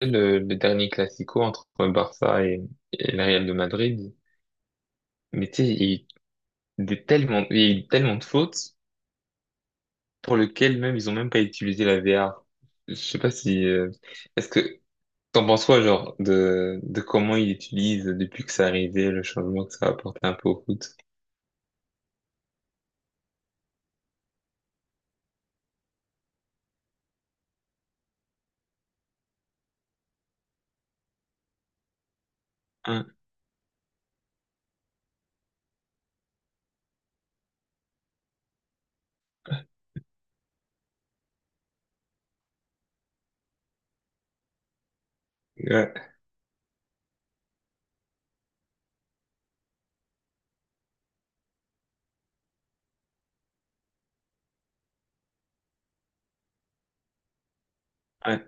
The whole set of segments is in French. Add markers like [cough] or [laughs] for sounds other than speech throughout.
Le dernier classico entre Barça et le Real de Madrid. Mais tu sais, il y a eu tellement de fautes pour lesquelles même ils ont même pas utilisé la VAR. Je sais pas si, est-ce que t'en penses quoi, genre, de comment ils utilisent depuis que ça arrivé, le changement que ça a apporté un peu au foot? Hein, ouais, ouais,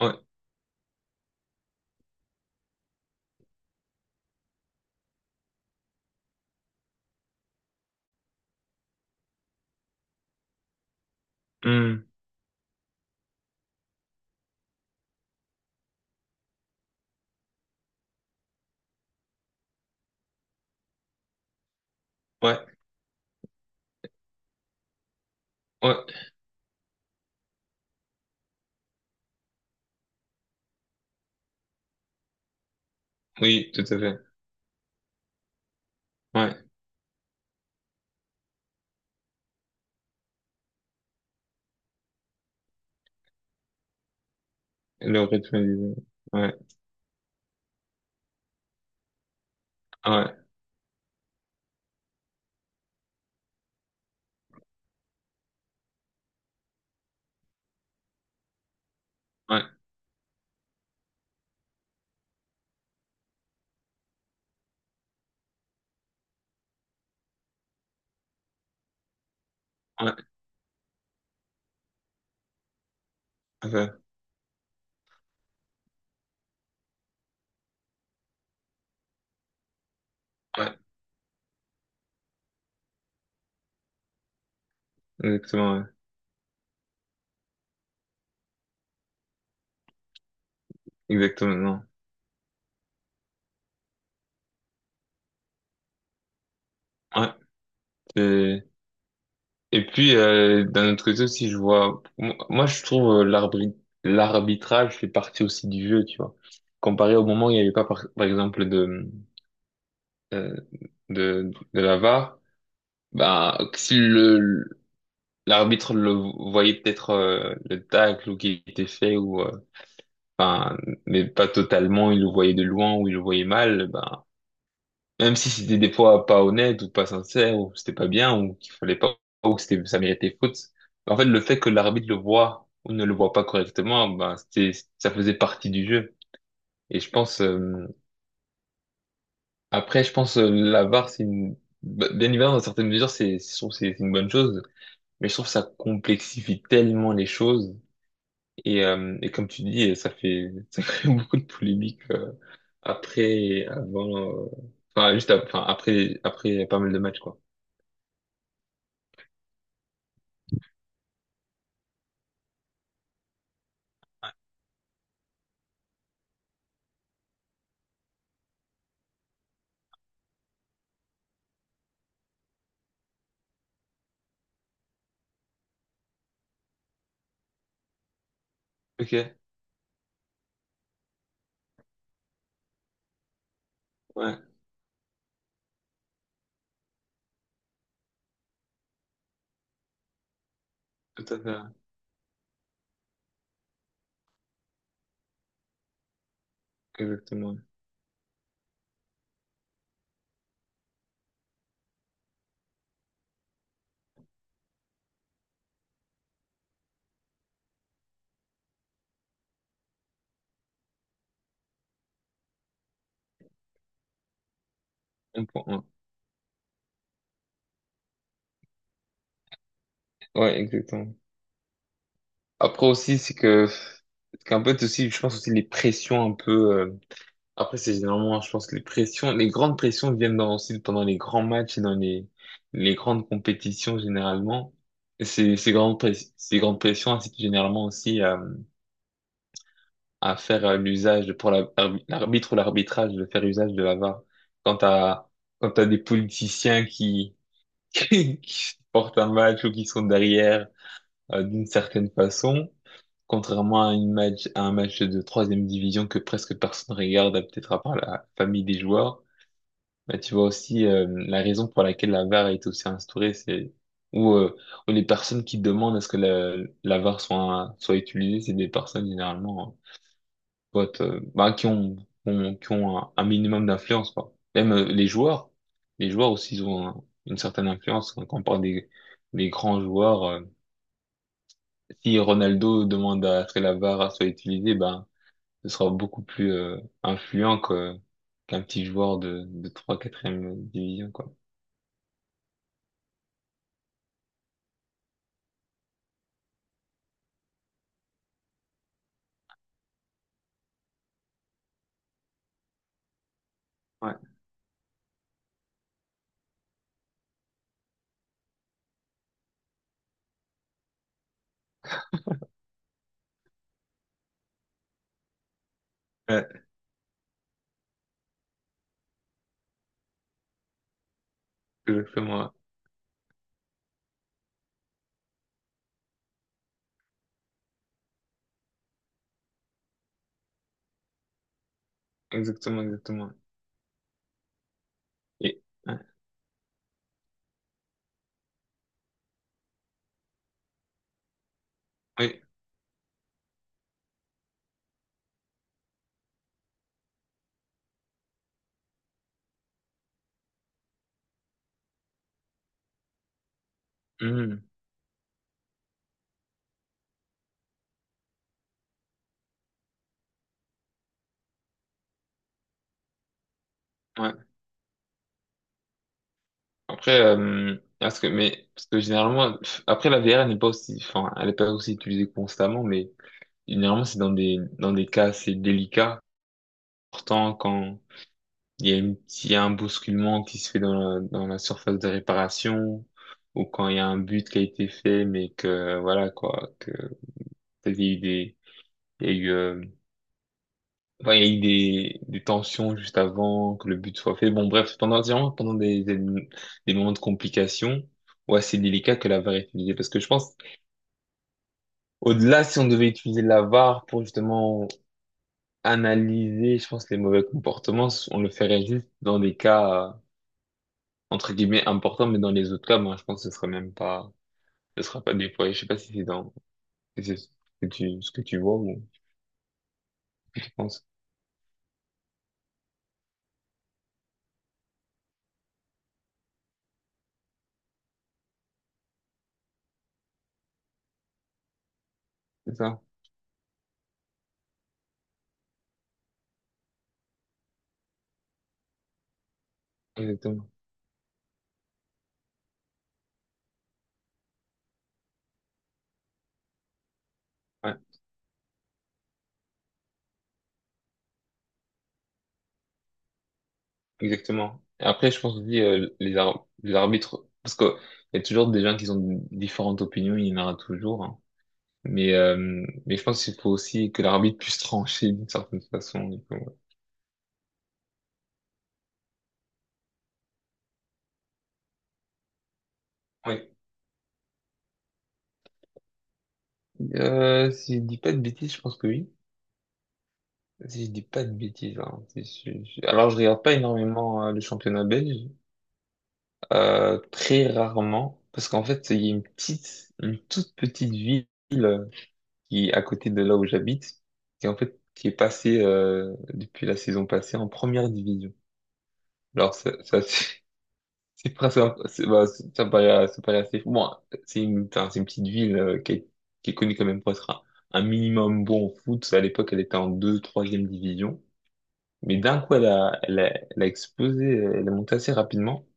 ouais. Hmm. Ouais, ouais, oui, tout à fait, ouais. Le rythme, du jeu. Ouais, ouais, ouais, ouais, enfin, ouais, ouais, exactement, non. Et, et puis, d'un autre côté aussi, je vois, moi, je trouve, l'arbitrage fait partie aussi du jeu, tu vois. Comparé au moment où il n'y avait pas, par exemple, euh, de la VAR, bah, si l'arbitre le voyait peut-être, le tacle ou qui était fait ou, enfin, mais pas totalement, il le voyait de loin ou il le voyait mal, ben même si c'était des fois pas honnête ou pas sincère ou c'était pas bien ou qu'il fallait pas ou que c'était ça méritait faute. En fait, le fait que l'arbitre le voit ou ne le voit pas correctement, ben c'était ça faisait partie du jeu. Et je pense, après je pense, la VAR c'est une, bien évidemment dans certaines mesures, c'est, je trouve que c'est une bonne chose, mais je trouve que ça complexifie tellement les choses et comme tu dis ça fait [laughs] ça crée beaucoup de polémiques, après avant, enfin juste enfin, après pas mal de matchs quoi. Ok, ouais. Tout à fait, exactement. Un point, ouais. Ouais, exactement. Après aussi, c'est qu'un peu aussi, je pense aussi les pressions un peu, après c'est généralement, je pense que les pressions, les grandes pressions viennent dans, aussi pendant les grands matchs et dans les grandes compétitions généralement. Et ces grandes pressions incitent généralement aussi à faire, pour l'arbitre ou l'arbitrage de faire usage de la VAR. Quand t'as, quand t'as des politiciens qui, [laughs] qui portent un match ou qui sont derrière, d'une certaine façon, contrairement à un match de troisième division que presque personne regarde, peut-être à part la famille des joueurs. Bah, tu vois aussi, la raison pour laquelle la VAR est aussi instaurée, où, euh, où les personnes qui demandent à ce que la VAR soit utilisée, c'est des personnes généralement, bah, qui qui ont un minimum d'influence, quoi. Même, les joueurs aussi ils ont une certaine influence quand on parle des grands joueurs. Si Ronaldo demande à ce que la VAR soit utilisée, ben, ce sera beaucoup plus, influent qu'un petit joueur de 3 4 e division, quoi. Ouais, ouais, exactement, ouais. Exactement, exactement. Et, ouais, oui, mhm, ouais. Après, parce que généralement, pff, après, la VR n'est pas aussi, enfin, elle n'est pas aussi utilisée constamment, mais généralement, c'est dans dans des cas assez délicats. Pourtant, quand, Il y a une- il y a un bousculement qui se fait dans dans la surface de réparation ou quand il y a un but qui a été fait, mais que voilà quoi, que peut-être il y a eu des, il y a eu, enfin, il y a eu des tensions juste avant que le but soit fait. Bon, bref, pendant vraiment pendant des moments de complication, ouais, c'est délicat que la VAR est utilisée parce que je pense, au-delà, si on devait utiliser la VAR pour justement analyser, je pense, les mauvais comportements, on le ferait juste dans des cas. Entre guillemets important, mais dans les autres cas, moi, je pense que ce sera même pas, ce sera pas déployé. Je sais pas si c'est dans, si c'est ce ce que tu vois ou tu penses. C'est ça? Exactement. Ouais, exactement. Et après, je pense aussi, les arbitres, parce que il y a toujours des gens qui ont différentes opinions, il y en aura toujours, hein. Mais, euh, mais je pense qu'il faut aussi que l'arbitre puisse trancher d'une certaine façon. Du coup, ouais. Ouais. Si je dis pas de bêtises, je pense que oui. Si je dis pas de bêtises, hein, si je- je- alors je regarde pas énormément, le championnat belge. Très rarement, parce qu'en fait, il y a une toute petite ville, euh, qui est à côté de là où j'habite, qui en fait, qui est passée, depuis la saison passée en première division. Alors ça c'est [laughs] c'est presque, un- c'est- bah, ça paraît assez fou. Bon, enfin, c'est une petite ville, qui est connue quand même pour être un, minimum bon au foot. À l'époque, elle était en troisième division. Mais d'un coup, elle a explosé, elle est montée assez rapidement.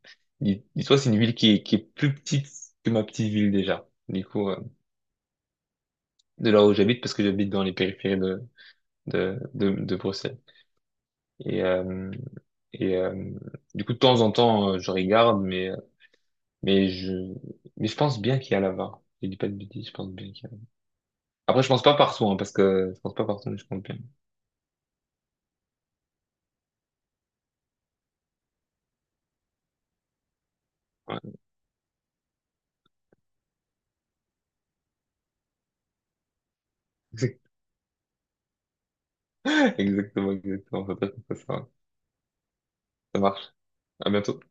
Dis-toi, c'est une ville qui est plus petite que ma petite ville déjà. Du coup, de là où j'habite, parce que j'habite dans les périphéries de Bruxelles. Et, euh, et euh, du coup, de temps en temps, je regarde, mais je, mais je pense bien qu'il y a la VAR. Je dis pas de bêtises, je pense bien qu'il y a. Après, je pense pas partout, hein, parce que je pense pas partout, mais je compte bien. Ouais. [laughs] Exactement, exactement. Faut pas que ça marche. À bientôt.